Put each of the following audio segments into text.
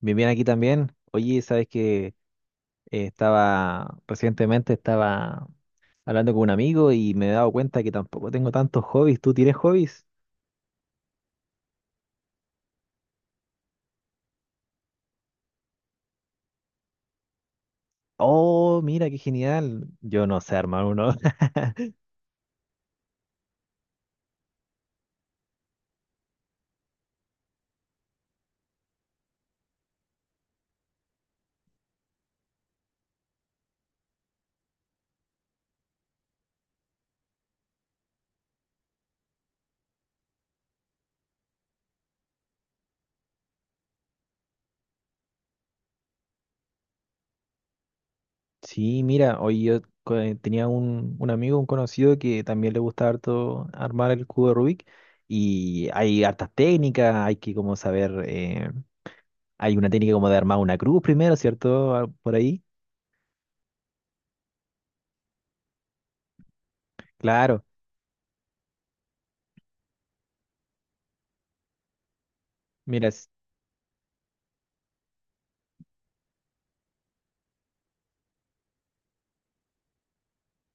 Bien, bien aquí también. Oye, sabes que estaba recientemente estaba hablando con un amigo y me he dado cuenta que tampoco tengo tantos hobbies. ¿Tú tienes hobbies? Oh, mira, qué genial. Yo no sé armar uno. Sí, mira, hoy yo tenía un amigo, un conocido que también le gusta harto armar el cubo de Rubik y hay hartas técnicas, hay que como saber, hay una técnica como de armar una cruz primero, ¿cierto? Ah, por ahí. Claro, mira,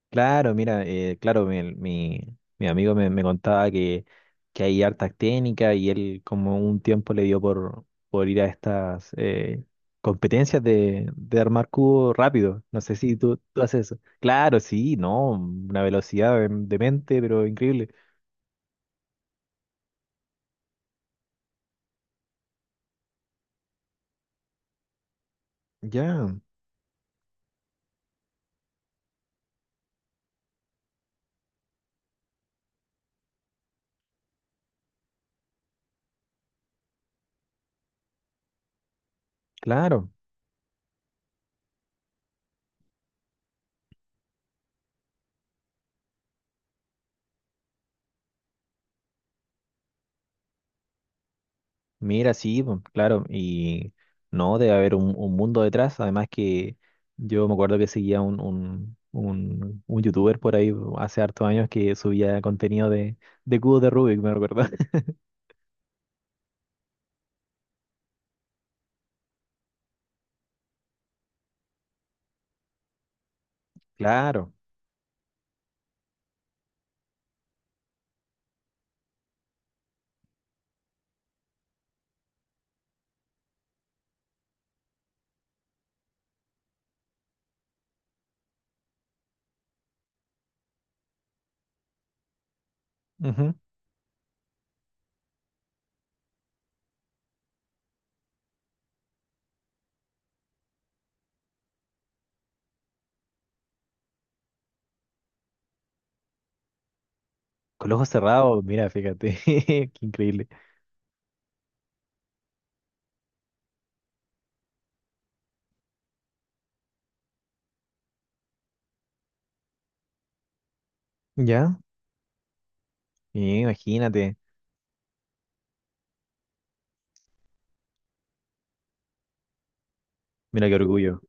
Claro, mira, claro, mi, mi amigo me contaba que hay hartas técnicas y él como un tiempo le dio por ir a estas competencias de armar cubo rápido. No sé si tú haces eso. Claro, sí, no, una velocidad de mente, pero increíble. Ya, claro. Mira, sí, po, claro, y no, debe haber un mundo detrás, además que yo me acuerdo que seguía un youtuber por ahí hace hartos años que subía contenido de cubos de Rubik, me recuerdo. Claro, ujú. Con los ojos cerrados, mira, fíjate, qué increíble. ¿Ya? Y imagínate, mira qué orgullo.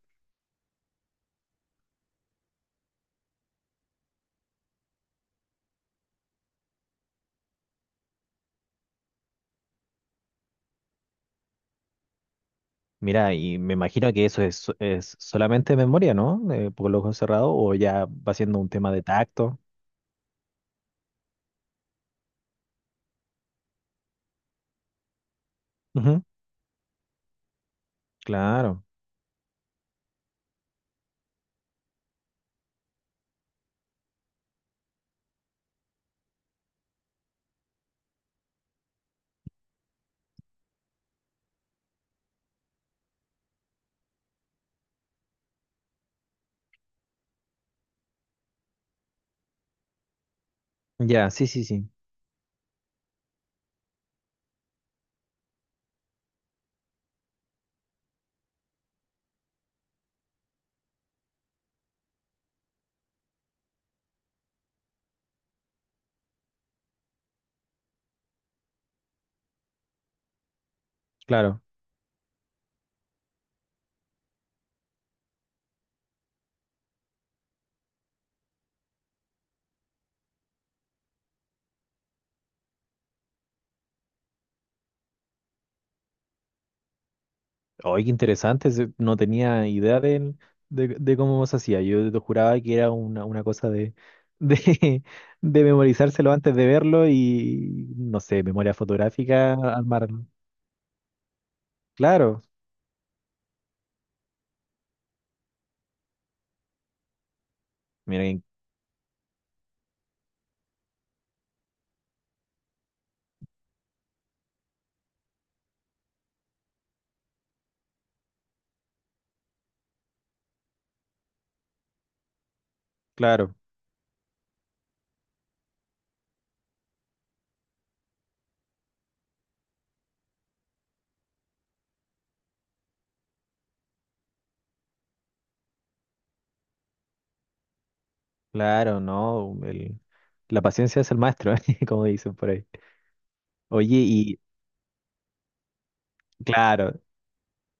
Mira, y me imagino que eso es solamente memoria, ¿no? Con los ojos cerrados, o ya va siendo un tema de tacto. Ujú, claro, ya, sí, sí, sí. Claro. Oye, qué interesante, ese, no tenía idea del, de cómo se hacía. Yo te juraba que era una cosa de, de memorizárselo antes de verlo y, no sé, memoria fotográfica armarlo. Claro, miren, claro, claro, ¿no? El, la paciencia es el maestro, como dicen por ahí. Oye, y claro,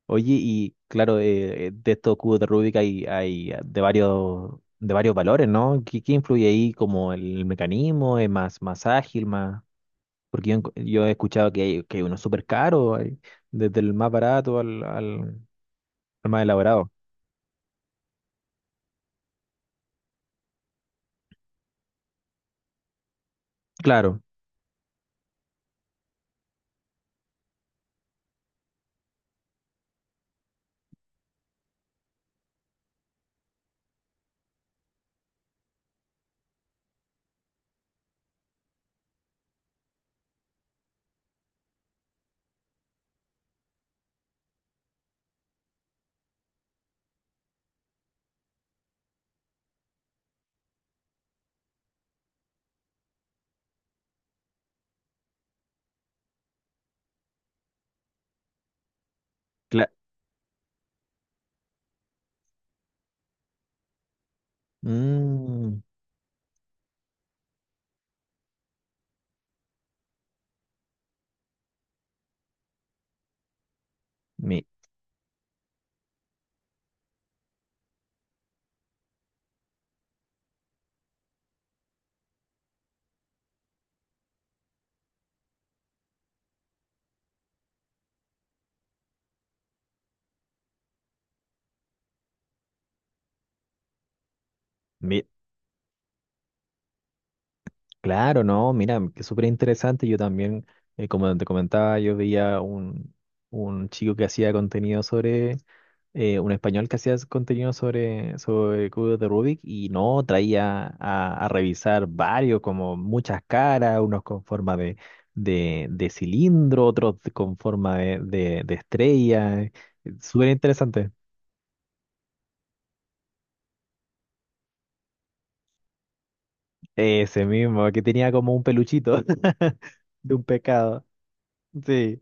oye, y claro, de estos cubos de Rubik hay, hay de varios valores, ¿no? ¿Qué, qué influye ahí como el mecanismo? ¿Es más, más ágil, más... Porque yo, enco- yo he escuchado que hay uno súper caro, hay desde el más barato al, al más elaborado. Claro, claro. Claro, no, mira, que súper interesante. Yo también, como te comentaba, yo veía un chico que hacía contenido sobre, un español que hacía contenido sobre, sobre cubos de Rubik y no traía a revisar varios, como muchas caras, unos con forma de cilindro, otros con forma de estrella. Súper interesante. Ese mismo, que tenía como un peluchito de un pecado. Sí.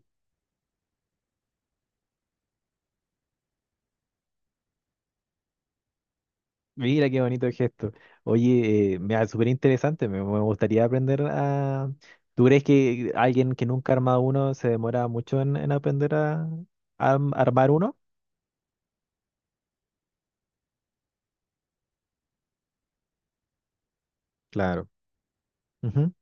Mira qué bonito gesto. Oye, mira, súper interesante. Me gustaría aprender a. ¿Tú crees que alguien que nunca ha armado uno se demora mucho en aprender a armar uno? Claro. Ujú.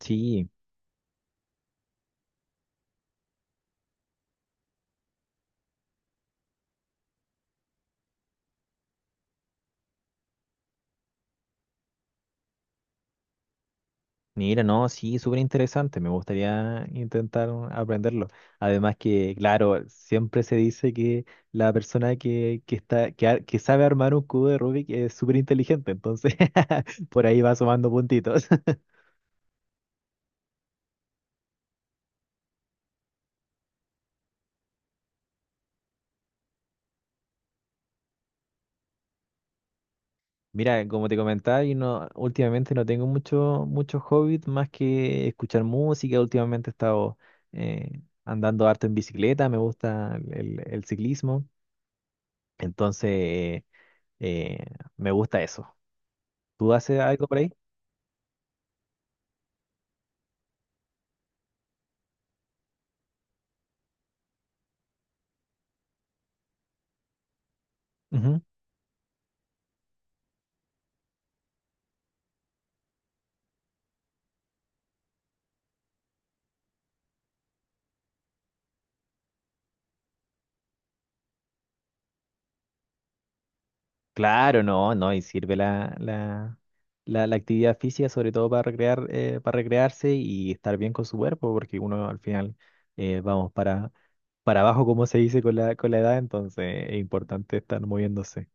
Sí, mira, no, sí, súper interesante. Me gustaría intentar aprenderlo. Además que, claro, siempre se dice que la persona que está, que, que sabe armar un cubo de Rubik es súper inteligente. Entonces, por ahí va sumando puntitos. Mira, como te comentaba, yo no, últimamente no tengo mucho, muchos hobbies más que escuchar música. Últimamente he estado andando harto en bicicleta, me gusta el ciclismo, entonces eh, me gusta eso. ¿Tú haces algo por ahí? Ujú. Claro, no, no, y sirve la actividad física sobre todo para recrear, para recrearse y estar bien con su cuerpo, porque uno al final vamos para abajo, como se dice con la edad, entonces es importante estar moviéndose.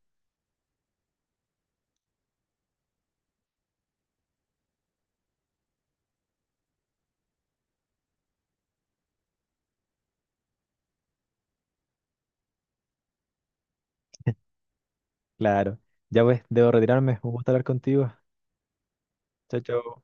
Claro. Ya pues, debo retirarme. Un gusto hablar contigo. Chao, chao.